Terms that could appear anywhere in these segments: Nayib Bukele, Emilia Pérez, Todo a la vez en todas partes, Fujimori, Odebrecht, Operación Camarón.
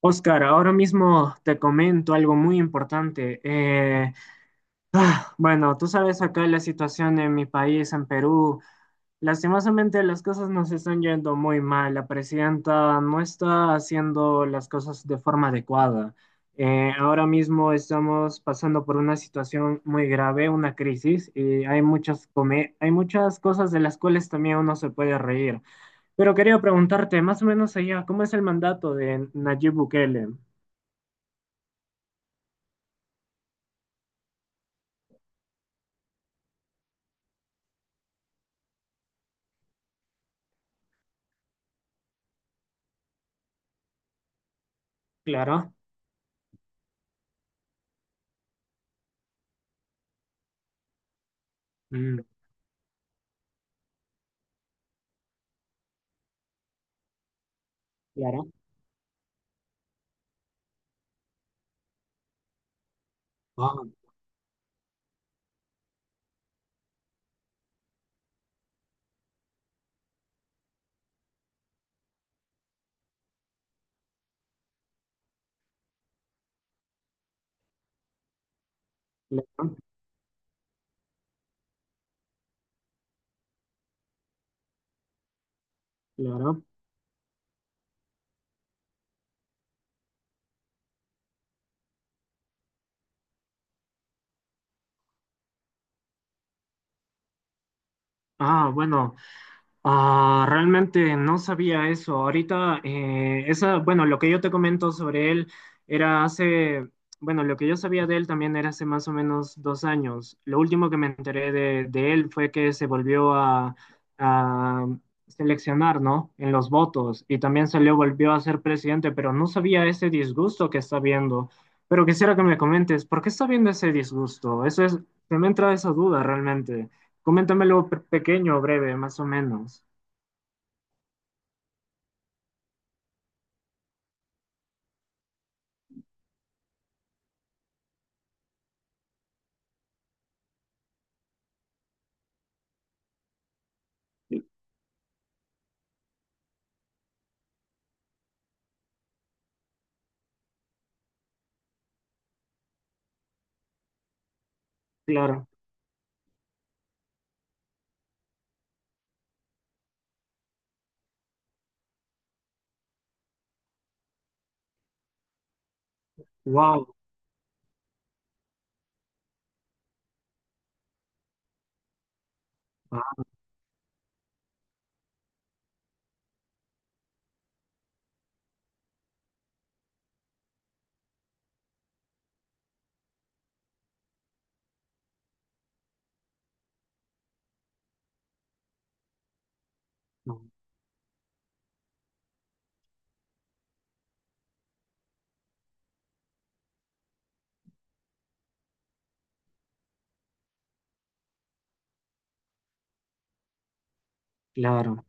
Oscar, ahora mismo te comento algo muy importante. Bueno, tú sabes acá la situación en mi país, en Perú. Lastimosamente las cosas nos están yendo muy mal. La presidenta no está haciendo las cosas de forma adecuada. Ahora mismo estamos pasando por una situación muy grave, una crisis, y hay muchas cosas de las cuales también uno se puede reír. Pero quería preguntarte, más o menos allá, ¿cómo es el mandato de Nayib Bukele? Claro. Mm. Claro, ah, claro, claro. Ah, bueno. Realmente no sabía eso. Ahorita, esa, bueno, lo que yo te comento sobre él era hace, bueno, lo que yo sabía de él también era hace más o menos 2 años. Lo último que me enteré de él fue que se volvió a seleccionar, ¿no? En los votos y también se le volvió a ser presidente, pero no sabía ese disgusto que está viendo. Pero quisiera que me comentes, ¿por qué está viendo ese disgusto? Eso es, se me entra esa duda realmente. Coméntamelo pequeño, breve, más o menos. Claro. ¡Wow! Ah, no, claro.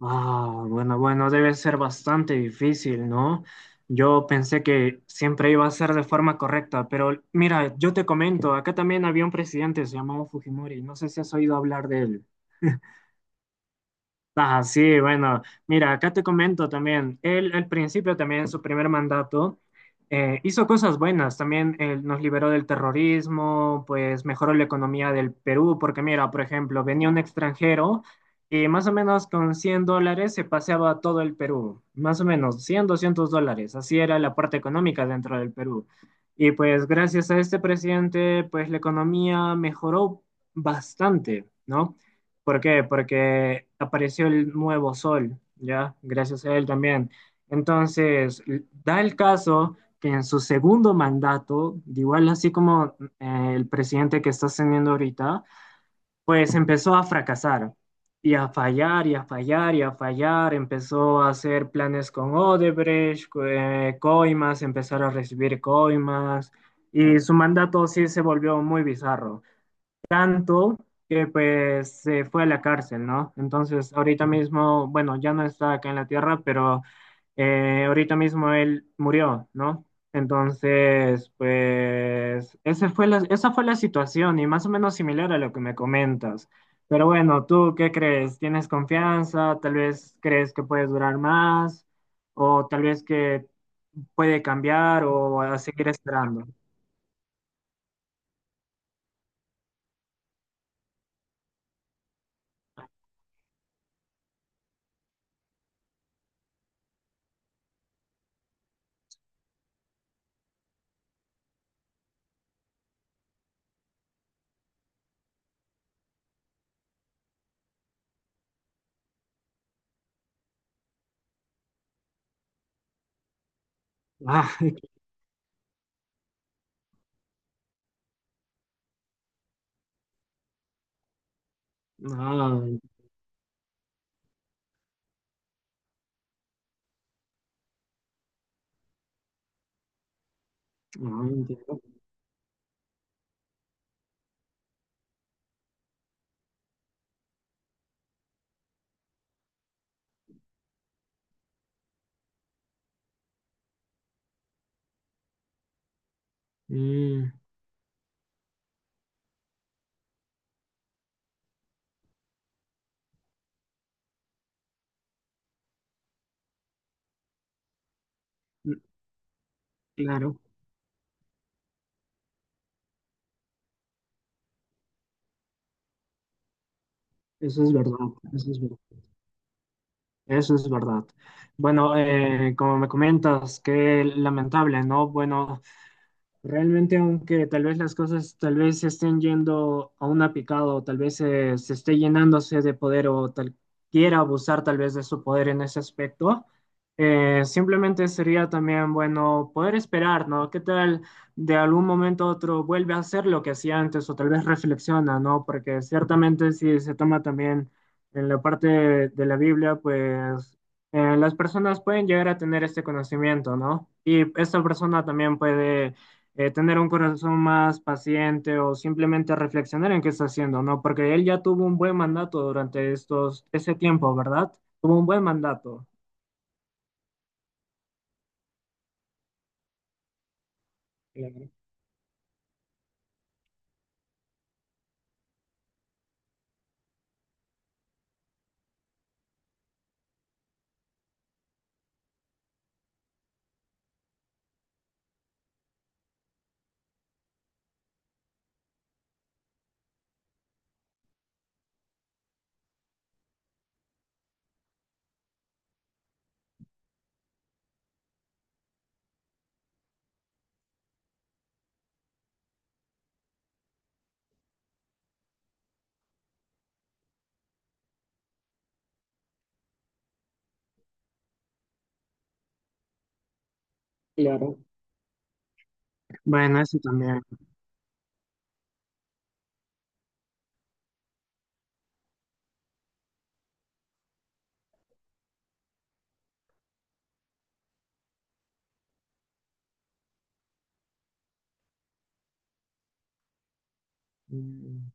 Ah, bueno, bueno, debe ser bastante difícil, ¿no? Yo pensé que siempre iba a ser de forma correcta, pero mira, yo te comento, acá también había un presidente, se llamaba Fujimori, no sé si has oído hablar de él. Ah, sí, bueno, mira, acá te comento también, él al principio también, en su primer mandato, hizo cosas buenas, también él nos liberó del terrorismo, pues mejoró la economía del Perú, porque mira, por ejemplo, venía un extranjero y más o menos con $100 se paseaba todo el Perú, más o menos 100, $200, así era la parte económica dentro del Perú. Y pues gracias a este presidente, pues la economía mejoró bastante, ¿no? ¿Por qué? Porque apareció el nuevo sol, ¿ya? Gracias a él también. Entonces, l- da el caso que en su segundo mandato, de igual así como el presidente que está teniendo ahorita, pues empezó a fracasar y a fallar y a fallar y a fallar. Empezó a hacer planes con Odebrecht, coimas, empezar a recibir coimas, y su mandato sí se volvió muy bizarro, tanto que pues se fue a la cárcel, ¿no? Entonces, ahorita mismo, bueno, ya no está acá en la tierra, pero ahorita mismo él murió, ¿no? Entonces, pues esa fue la situación y más o menos similar a lo que me comentas. Pero bueno, ¿tú qué crees? ¿Tienes confianza? ¿Tal vez crees que puedes durar más? ¿O tal vez que puede cambiar o a seguir esperando? Ah, no, entiendo. Mm. Mm, claro, eso es verdad, eso es verdad, eso es verdad. Bueno, como me comentas, qué lamentable, ¿no? Bueno, realmente, aunque tal vez las cosas tal vez se estén yendo a una picada o tal vez se, esté llenándose de poder o tal quiera abusar tal vez de su poder en ese aspecto, simplemente sería también bueno poder esperar, ¿no? ¿Qué tal de algún momento a otro vuelve a hacer lo que hacía antes o tal vez reflexiona, no? Porque ciertamente si se toma también en la parte de la Biblia, pues las personas pueden llegar a tener este conocimiento, ¿no? Y esta persona también puede tener un corazón más paciente o simplemente reflexionar en qué está haciendo, ¿no? Porque él ya tuvo un buen mandato durante estos, ese tiempo, ¿verdad? Tuvo un buen mandato. Claro, claro. Bueno, eso también. Mm.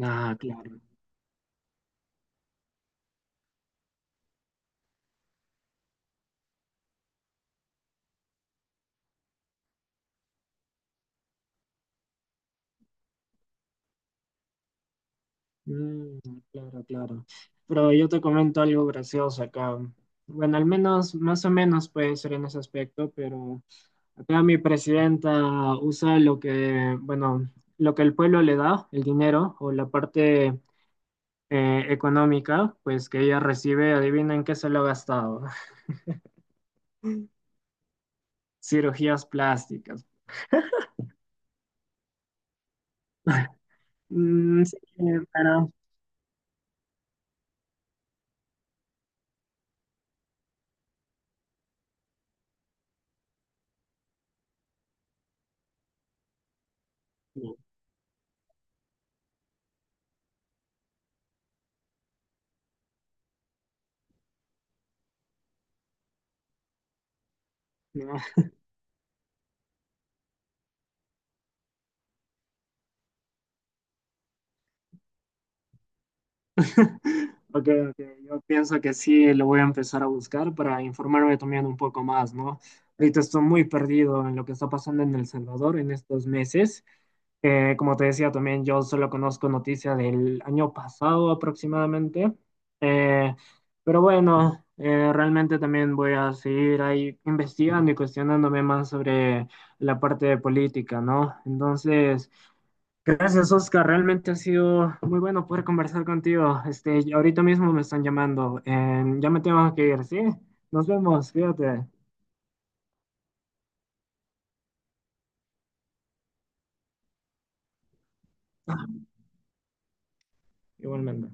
Ah, claro. Mm, claro, claro. Pero yo te comento algo gracioso acá. Bueno, al menos, más o menos puede ser en ese aspecto, pero acá mi presidenta usa lo que, bueno, lo que el pueblo le da, el dinero o la parte económica, pues que ella recibe, adivinen qué se lo ha gastado. Cirugías plásticas. Mm, sí, pero no, no. Ok, ok, yo pienso que sí lo voy a empezar a buscar para informarme también un poco más, ¿no? Ahorita estoy muy perdido en lo que está pasando en El Salvador en estos meses. Como te decía también, yo solo conozco noticias del año pasado aproximadamente. Eh, pero bueno, realmente también voy a seguir ahí investigando y cuestionándome más sobre la parte de política, ¿no? Entonces... Gracias, Oscar. Realmente ha sido muy bueno poder conversar contigo. Este, y ahorita mismo me están llamando. Ya me tengo que ir, ¿sí? Nos vemos, fíjate. Igualmente.